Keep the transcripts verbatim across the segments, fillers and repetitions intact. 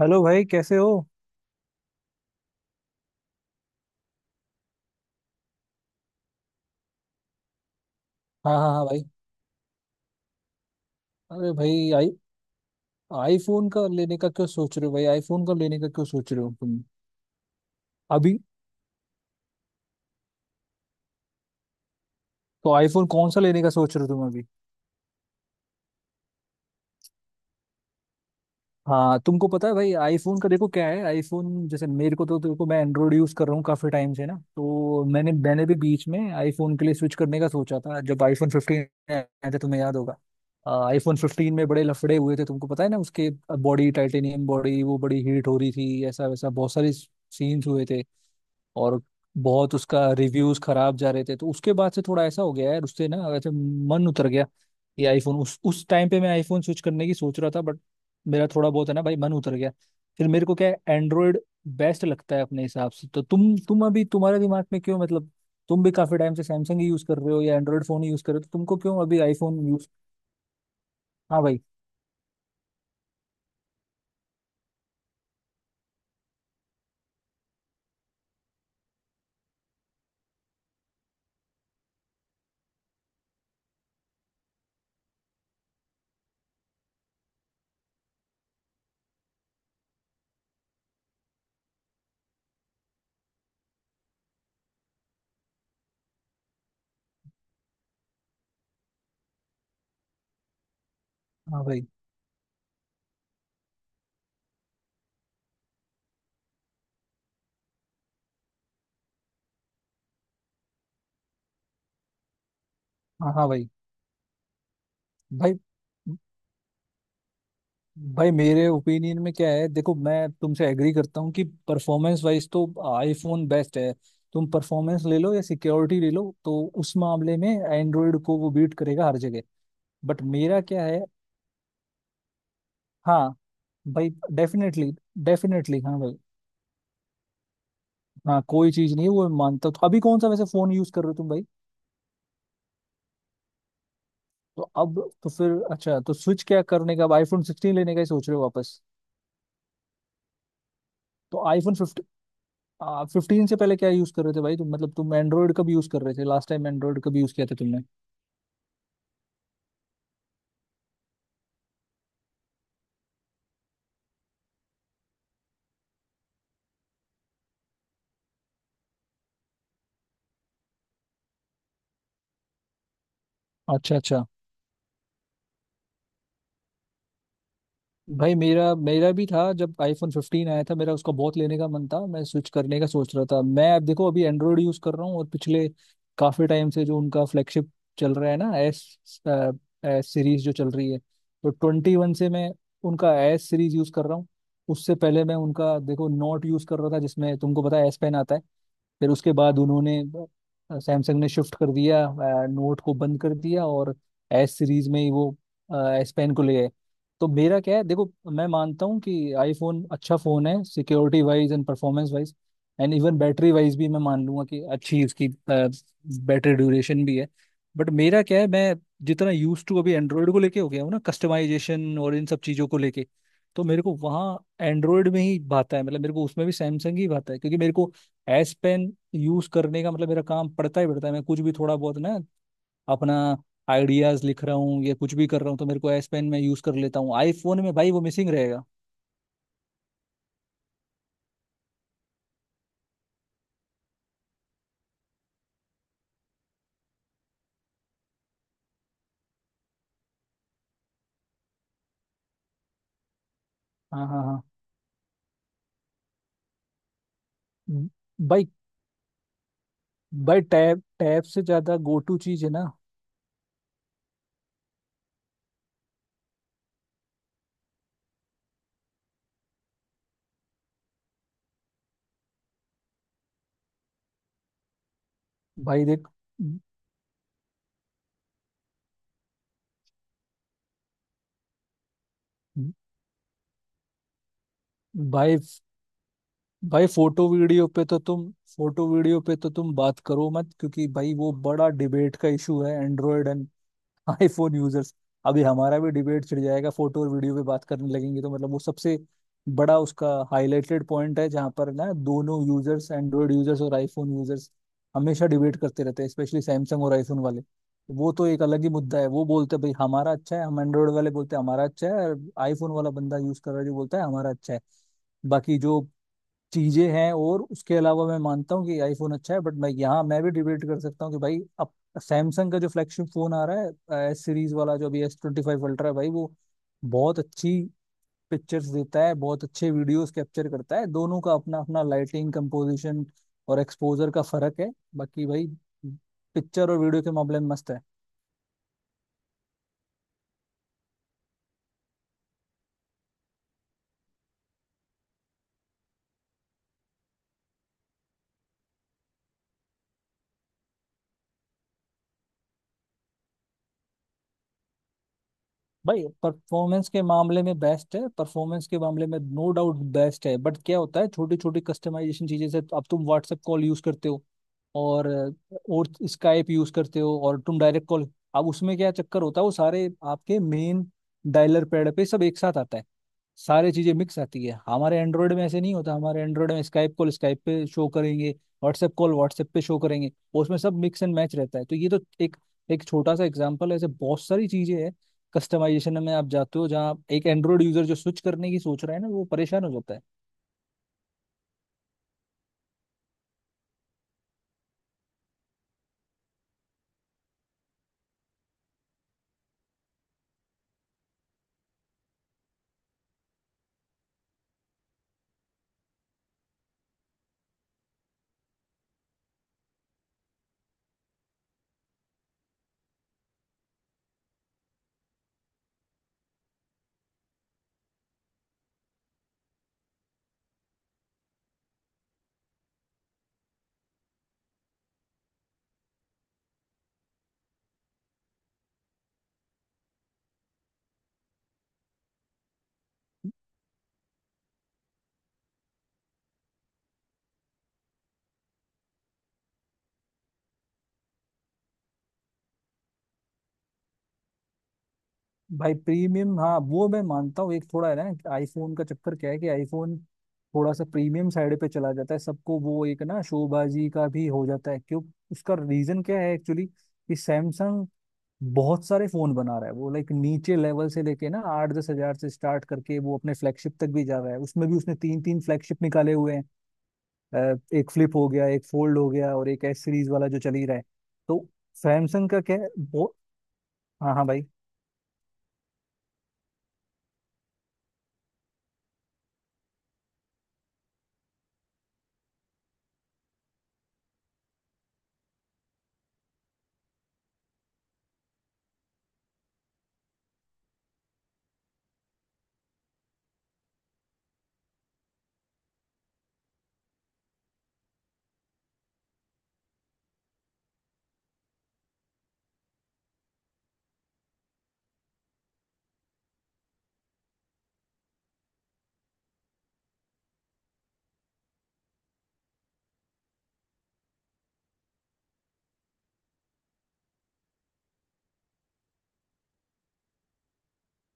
Hello भाई, कैसे हो? हाँ हाँ हाँ भाई। अरे भाई, आई आईफोन का लेने का क्यों सोच रहे हो भाई? आईफोन का लेने का क्यों सोच रहे हो तुम? अभी तो आईफोन कौन सा लेने का सोच रहे हो तुम अभी? हाँ, तुमको पता है भाई, आईफोन का देखो क्या है, आईफोन जैसे मेरे को तो देखो, मैं एंड्रॉइड यूज कर रहा हूँ काफी टाइम से ना, तो मैंने मैंने भी बीच में आईफोन के लिए स्विच करने का सोचा था जब आईफोन फिफ्टीन आया था, तुम्हें याद होगा। आईफोन फिफ्टीन में बड़े लफड़े हुए थे, तुमको पता है ना उसके, बॉडी, टाइटेनियम बॉडी वो बड़ी हीट हो रही थी, ऐसा वैसा बहुत सारे सीन्स हुए थे और बहुत उसका रिव्यूज खराब जा रहे थे। तो उसके बाद से थोड़ा ऐसा हो गया यार, उससे ना वैसे मन उतर गया, ये आईफोन। उस उस टाइम पे मैं आईफोन स्विच करने की सोच रहा था, बट मेरा थोड़ा बहुत है ना भाई, मन उतर गया। फिर मेरे को क्या है, एंड्रॉयड बेस्ट लगता है अपने हिसाब से। तो तुम तुम अभी तुम्हारे दिमाग में क्यों, मतलब तुम भी काफी टाइम से सैमसंग ही यूज कर रहे हो या एंड्रॉयड फोन ही यूज कर रहे हो, तो तुमको क्यों अभी आईफोन यूज? हाँ भाई। हाँ भाई। हाँ हाँ भाई। भाई भाई, मेरे ओपिनियन में क्या है देखो, मैं तुमसे एग्री करता हूँ कि परफॉर्मेंस वाइज तो आईफोन बेस्ट है। तुम परफॉर्मेंस ले लो या सिक्योरिटी ले लो, तो उस मामले में एंड्रॉयड को वो बीट करेगा हर जगह। बट मेरा क्या है? हाँ भाई, डेफिनेटली, डेफिनेटली। हाँ भाई, हाँ कोई चीज नहीं है वो, मैं मानता हूँ। तो अभी कौन सा वैसे फोन यूज कर रहे हो तुम भाई? तो अब तो फिर अच्छा, तो स्विच क्या करने का अब, आईफोन सिक्सटीन लेने का ही सोच रहे हो वापस? तो आईफोन फिफ्टी आप फिफ्टीन से पहले क्या यूज कर रहे थे भाई तुम? मतलब तुम एंड्रॉयड कब यूज कर रहे थे, लास्ट टाइम एंड्रॉयड कब यूज किया था तुमने? अच्छा अच्छा। भाई मेरा मेरा भी था, जब आईफोन फिफ्टीन आया था, मेरा उसका बहुत लेने का मन था, मैं स्विच करने का सोच रहा था। मैं अब देखो अभी एंड्रॉयड यूज कर रहा हूँ, और पिछले काफी टाइम से जो उनका फ्लैगशिप चल रहा है ना, एस एस सीरीज जो चल रही है, तो ट्वेंटी वन से मैं उनका एस सीरीज यूज कर रहा हूँ। उससे पहले मैं उनका देखो नोट यूज कर रहा था, जिसमें तुमको पता है एस पेन आता है। फिर उसके बाद उन्होंने, सैमसंग ने शिफ्ट कर दिया, नोट को बंद कर दिया और एस सीरीज में ही वो एस पेन को ले गए। तो मेरा क्या है देखो, मैं मानता हूँ कि आईफोन अच्छा फ़ोन है, security wise and performance wise, and even battery wise भी मैं मान लूंगा कि अच्छी इसकी बैटरी ड्यूरेशन भी है। बट मेरा क्या है, मैं जितना यूज टू अभी एंड्रॉयड को लेके हो गया हूँ ना, कस्टमाइजेशन और इन सब चीज़ों को लेके, तो मेरे को वहाँ एंड्रॉयड में ही भाता है। मतलब मेरे को उसमें भी सैमसंग ही भाता है, क्योंकि मेरे को एस पेन यूज करने का मतलब मेरा काम पड़ता ही पड़ता है। मैं कुछ भी थोड़ा बहुत ना अपना आइडियाज लिख रहा हूँ या कुछ भी कर रहा हूँ, तो मेरे को एस पेन में यूज कर लेता हूँ। आईफोन में भाई वो मिसिंग रहेगा। हाँ हाँ हाँ। ब- भाई। भाई टैब टैब से ज्यादा गो टू चीज है ना। भाई देख। भाई भाई, फोटो वीडियो पे तो तुम, फोटो वीडियो पे तो तुम बात करो मत, क्योंकि भाई वो बड़ा डिबेट का इशू है, एंड्रॉयड एंड आईफोन यूजर्स। अभी हमारा भी डिबेट छिड़ जाएगा, फोटो और वीडियो पे बात करने लगेंगे, तो मतलब वो सबसे बड़ा उसका हाईलाइटेड पॉइंट है, जहाँ पर ना दोनों यूजर्स, एंड्रॉयड यूजर्स और आईफोन यूजर्स, हमेशा डिबेट करते रहते हैं, स्पेशली सैमसंग और आईफोन वाले। वो तो एक अलग ही मुद्दा है। वो बोलते हैं भाई हमारा अच्छा है, हम एंड्रॉयड वाले बोलते हैं हमारा अच्छा है, और आईफोन वाला बंदा यूज कर रहा है जो, बोलता है हमारा अच्छा है। बाकी जो चीजें हैं, और उसके अलावा मैं मानता हूँ कि आईफोन अच्छा है, बट मैं यहाँ मैं भी डिबेट कर सकता हूँ कि भाई, अब सैमसंग का जो फ्लैगशिप फोन आ रहा है एस सीरीज वाला, जो अभी एस ट्वेंटी फाइव अल्ट्रा है भाई, वो बहुत अच्छी पिक्चर्स देता है, बहुत अच्छे वीडियोस कैप्चर करता है। दोनों का अपना अपना लाइटिंग, कंपोजिशन और एक्सपोजर का फर्क है। बाकी भाई पिक्चर और वीडियो के मामले में मस्त है। भाई परफॉर्मेंस के मामले में बेस्ट है, परफॉर्मेंस के मामले में नो डाउट बेस्ट है, बट क्या होता है छोटी छोटी कस्टमाइजेशन चीजें से, अब तुम व्हाट्सएप कॉल यूज करते हो और और स्काइप यूज करते हो और तुम डायरेक्ट कॉल, अब उसमें क्या चक्कर होता है, वो सारे आपके मेन डायलर पैड पे सब एक साथ आता है, सारी चीजें मिक्स आती है। हमारे एंड्रॉयड में ऐसे नहीं होता, हमारे एंड्रॉयड में स्काइप कॉल स्काइप पे शो करेंगे, व्हाट्सएप कॉल व्हाट्सएप पे शो करेंगे, और उसमें सब मिक्स एंड मैच रहता है। तो ये तो एक एक छोटा सा एग्जाम्पल है, ऐसे बहुत सारी चीजें हैं कस्टमाइजेशन में, आप जाते हो जहाँ एक एंड्रॉइड यूजर जो स्विच करने की सोच रहा है ना, वो परेशान हो जाता है। भाई प्रीमियम, हाँ वो मैं मानता हूँ, एक थोड़ा है ना, आईफोन का चक्कर क्या है कि आईफोन थोड़ा सा प्रीमियम साइड पे चला जाता है, सबको वो एक ना शोबाजी का भी हो जाता है। क्यों, उसका रीजन क्या है एक्चुअली, कि सैमसंग बहुत सारे फोन बना रहा है, वो लाइक नीचे लेवल से लेके ना आठ दस हजार से स्टार्ट करके वो अपने फ्लैगशिप तक भी जा रहा है, उसमें भी उसने तीन तीन फ्लैगशिप निकाले हुए हैं, अ, एक फ्लिप हो गया, एक फोल्ड हो गया और एक एस सीरीज वाला जो चल ही रहा है। तो सैमसंग का क्या है वो, हाँ हाँ भाई,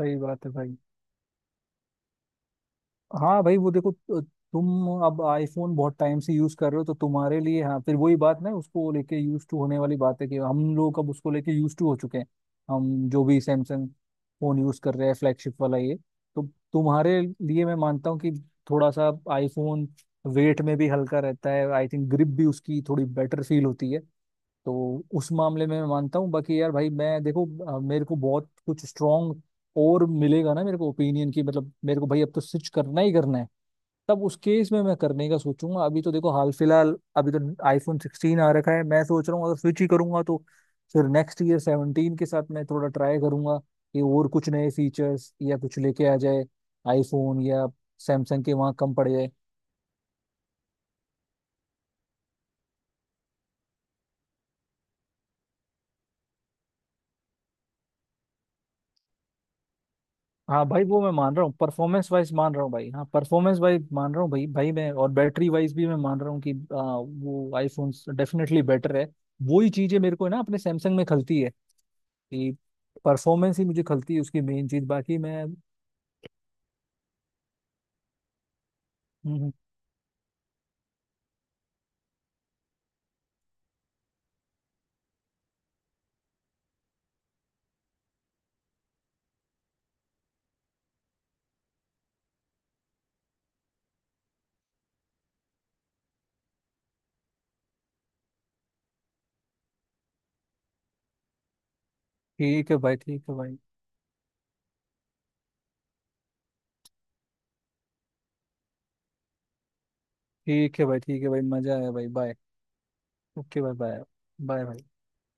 सही बात है भाई। हाँ भाई, वो देखो त- तुम अब आईफोन बहुत टाइम से यूज कर रहे हो, तो तुम्हारे लिए हाँ फिर वही बात ना, उसको लेके यूज टू होने वाली बात है कि हम लोग अब उसको लेके यूज टू हो चुके हैं, हम जो भी सैमसंग फोन यूज कर रहे हैं फ्लैगशिप वाला ये। तो तुम्हारे लिए मैं मानता हूँ कि थोड़ा सा आईफोन वेट में भी हल्का रहता है, आई थिंक ग्रिप भी उसकी थोड़ी बेटर फील होती है। तो उस मामले में मैं मानता हूँ। बाकी यार भाई मैं देखो, अ, मेरे को बहुत कुछ स्ट्रांग और मिलेगा ना मेरे को ओपिनियन की, मतलब मेरे को भाई अब तो स्विच करना ही करना है, तब उस केस में मैं करने का सोचूंगा। अभी तो देखो हाल फिलहाल, अभी तो आईफोन सिक्सटीन आ रखा है, मैं सोच रहा हूँ अगर स्विच ही करूंगा, तो फिर नेक्स्ट ईयर सेवनटीन के साथ मैं थोड़ा ट्राई करूंगा, कि और कुछ नए फीचर्स या कुछ लेके आ जाए आईफोन, या सैमसंग के वहाँ कम पड़ जाए। हाँ भाई, वो मैं मान रहा हूँ, परफॉर्मेंस वाइज मान रहा हूँ भाई, हाँ परफॉर्मेंस वाइज मान रहा हूँ भाई, भाई मैं और बैटरी वाइज भी मैं मान रहा हूँ कि आ, वो आईफोन डेफिनेटली बेटर है। वो ही चीजें मेरे को ना अपने सैमसंग में खलती है, कि परफॉर्मेंस ही मुझे खलती है उसकी मेन चीज। बाकी मैं हम्म, हम्म, ठीक है भाई, ठीक है भाई। ठीक है भाई, ठीक है भाई, मजा आया भाई। बाय। ओके भाई, बाय बाय भाई।